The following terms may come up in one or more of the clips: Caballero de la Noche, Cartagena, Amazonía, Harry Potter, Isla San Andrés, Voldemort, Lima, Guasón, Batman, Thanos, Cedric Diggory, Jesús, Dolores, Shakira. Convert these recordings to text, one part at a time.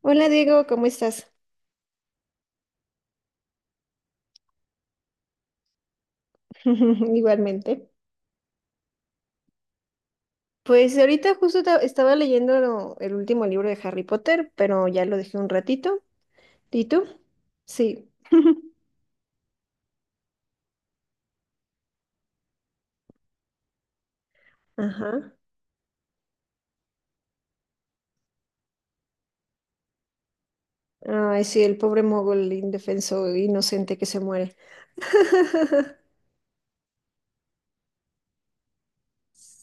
Hola Diego, ¿cómo estás? Igualmente. Pues ahorita justo estaba leyendo el último libro de Harry Potter, pero ya lo dejé un ratito. ¿Y tú? Sí. Ajá. Ay, sí, el pobre mogol indefenso, inocente que se muere.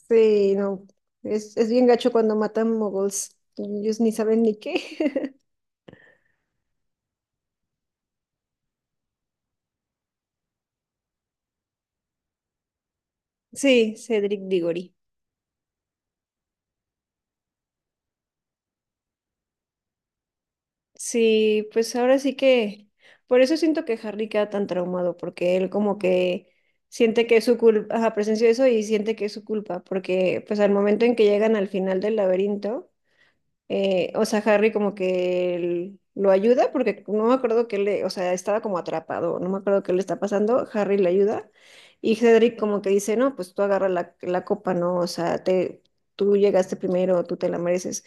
Sí, no. Es bien gacho cuando matan mogols. Ellos ni saben ni qué. Sí, Cedric Diggory. Sí, pues ahora sí que, por eso siento que Harry queda tan traumado, porque él como que siente que es su culpa, ajá, presenció eso y siente que es su culpa, porque pues al momento en que llegan al final del laberinto, o sea, Harry como que él lo ayuda porque no me acuerdo que le, o sea, estaba como atrapado, no me acuerdo qué le está pasando, Harry le ayuda y Cedric como que dice, no, pues tú agarra la copa, ¿no? O sea, te, tú llegaste primero, tú te la mereces.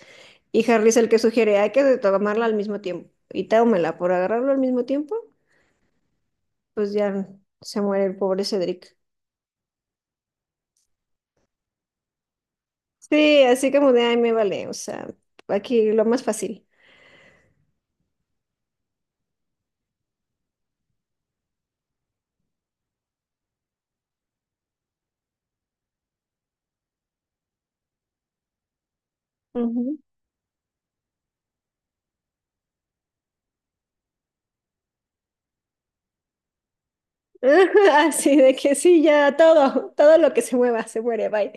Y Harry es el que sugiere, hay que tomarla al mismo tiempo. Y tómela por agarrarlo al mismo tiempo, pues ya se muere el pobre Cedric. Sí, así como de, ay, me vale, o sea, aquí lo más fácil. Ujú. Así de que sí, ya todo, todo lo que se mueva se muere, bye.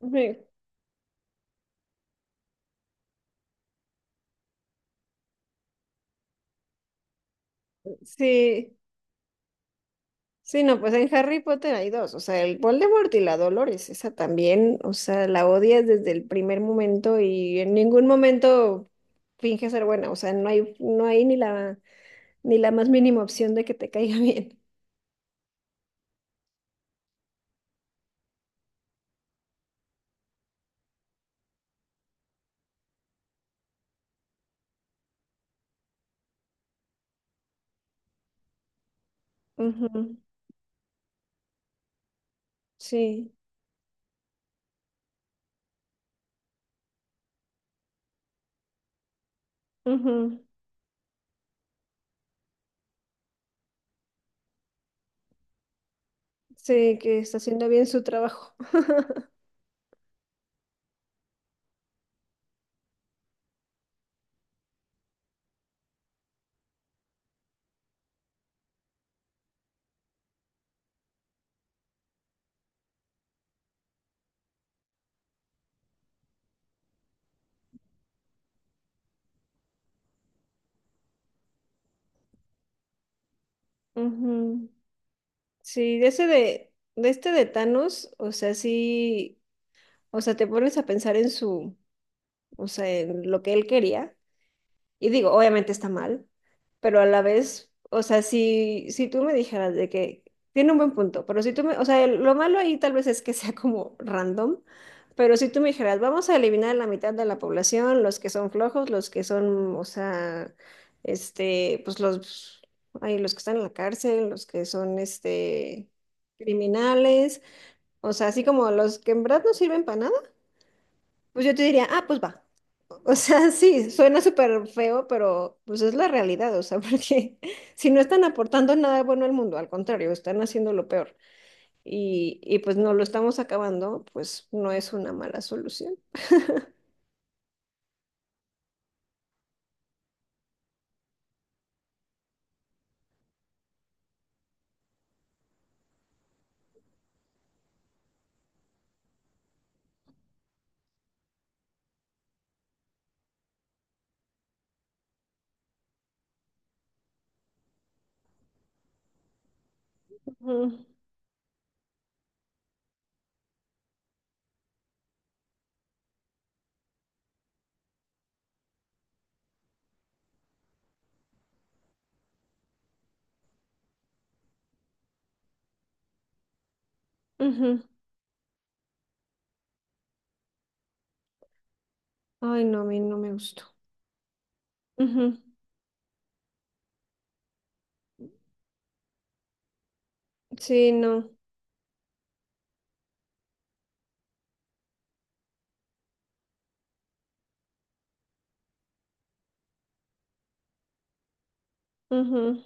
Sí, sí, sí, no, pues en Harry Potter hay dos, o sea, el Voldemort y la Dolores, esa también, o sea, la odias desde el primer momento y en ningún momento finge ser buena, o sea, no hay, no hay ni la, ni la más mínima opción de que te caiga bien. Ujú. Sí. Ujú. Sí, que está haciendo bien su trabajo. Ujú. Sí, de ese de este de Thanos, o sea, sí. O sea, te pones a pensar en su, o sea, en lo que él quería. Y digo, obviamente está mal, pero a la vez, o sea, si tú me dijeras de que tiene un buen punto, pero si tú me, o sea, lo malo ahí tal vez es que sea como random, pero si tú me dijeras, vamos a eliminar la mitad de la población, los que son flojos, los que son, o sea, este, pues los, ay, los que están en la cárcel, los que son, este, criminales, o sea, así como los que en verdad no sirven para nada pues yo te diría, ah, pues va. O sea, sí, suena súper feo, pero pues es la realidad, o sea, porque si no están aportando nada bueno al mundo, al contrario, están haciendo lo peor y pues no lo estamos acabando, pues no es una mala solución. Ujú, ujú. Ay, no, a mí no me gustó. Ujú. Sí, no. Ujú.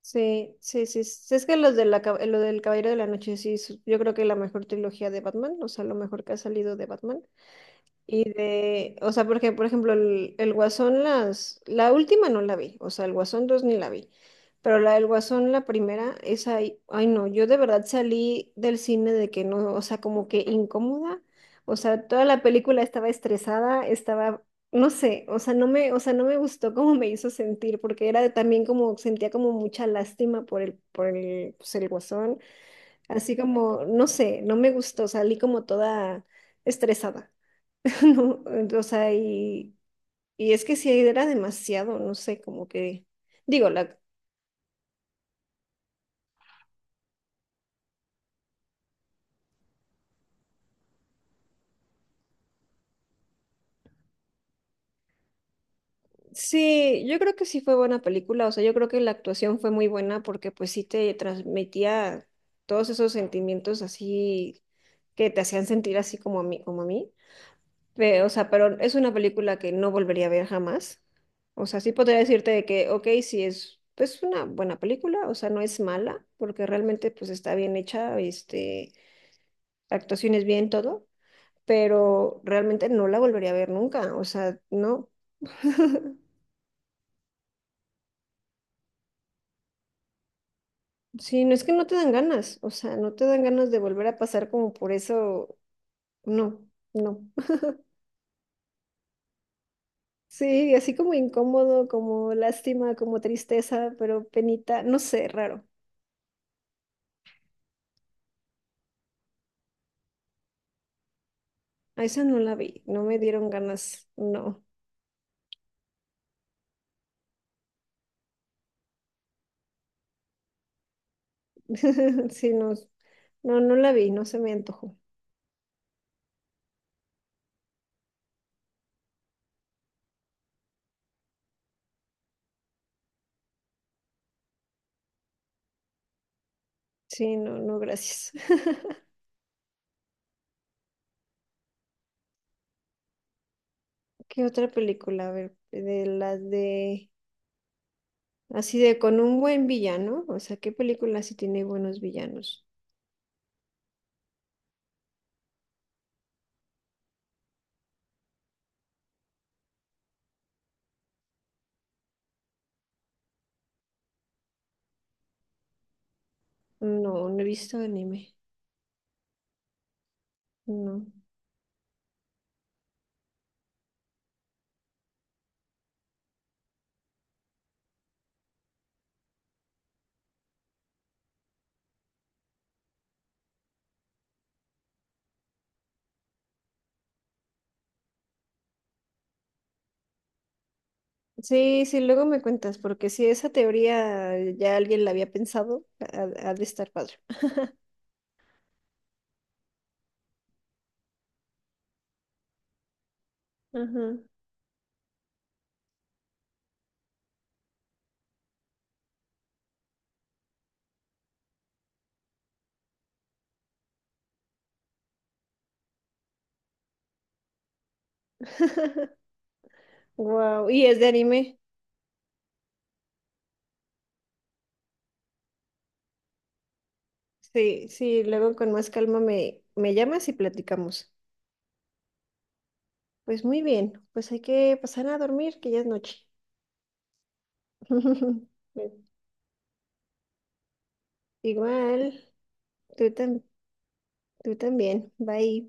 Sí, sí, sí. Sí, es que los de la, lo del Caballero de la Noche, sí, yo creo que la mejor trilogía de Batman, o sea, lo mejor que ha salido de Batman. Y de, o sea, porque, por ejemplo, el Guasón, las, la última no la vi, o sea, el Guasón 2 ni la vi, pero la del Guasón, la primera, esa, ay, ay no, yo de verdad salí del cine de que no, o sea, como que incómoda, o sea, toda la película estaba estresada, estaba, no sé, o sea, no me, o sea, no me gustó cómo me hizo sentir, porque era también como, sentía como mucha lástima por el, pues, el Guasón, así como, no sé, no me gustó, salí como toda estresada. No, o sea, y es que sí era demasiado, no sé, como que, digo, la, sí, yo creo que sí fue buena película, o sea, yo creo que la actuación fue muy buena porque pues sí te transmitía todos esos sentimientos así que te hacían sentir así como a mí, como a mí. Pero, o sea, pero es una película que no volvería a ver jamás. O sea, sí podría decirte de que, ok, sí es pues una buena película, o sea, no es mala, porque realmente pues está bien hecha, este, la actuación es bien todo, pero realmente no la volvería a ver nunca, o sea, no. Sí, no es que no te dan ganas, o sea, no te dan ganas de volver a pasar como por eso, no, no. Sí, así como incómodo, como lástima, como tristeza, pero penita, no sé, raro. A esa no la vi, no me dieron ganas, no. Sí, no, no, no la vi, no se me antojó. Sí, no, no, gracias. ¿Qué otra película? A ver, de las de, así de con un buen villano. O sea, ¿qué película sí tiene buenos villanos? No, no he visto anime. No. Sí, sí, luego me cuentas, porque si esa teoría ya alguien la había pensado, ha de estar padre. Ajá. Wow. ¿Y es de anime? Sí, sí, luego con más calma me llamas y platicamos. Pues muy bien, pues hay que pasar a dormir, que ya es noche. Igual, tú, tú también. Bye.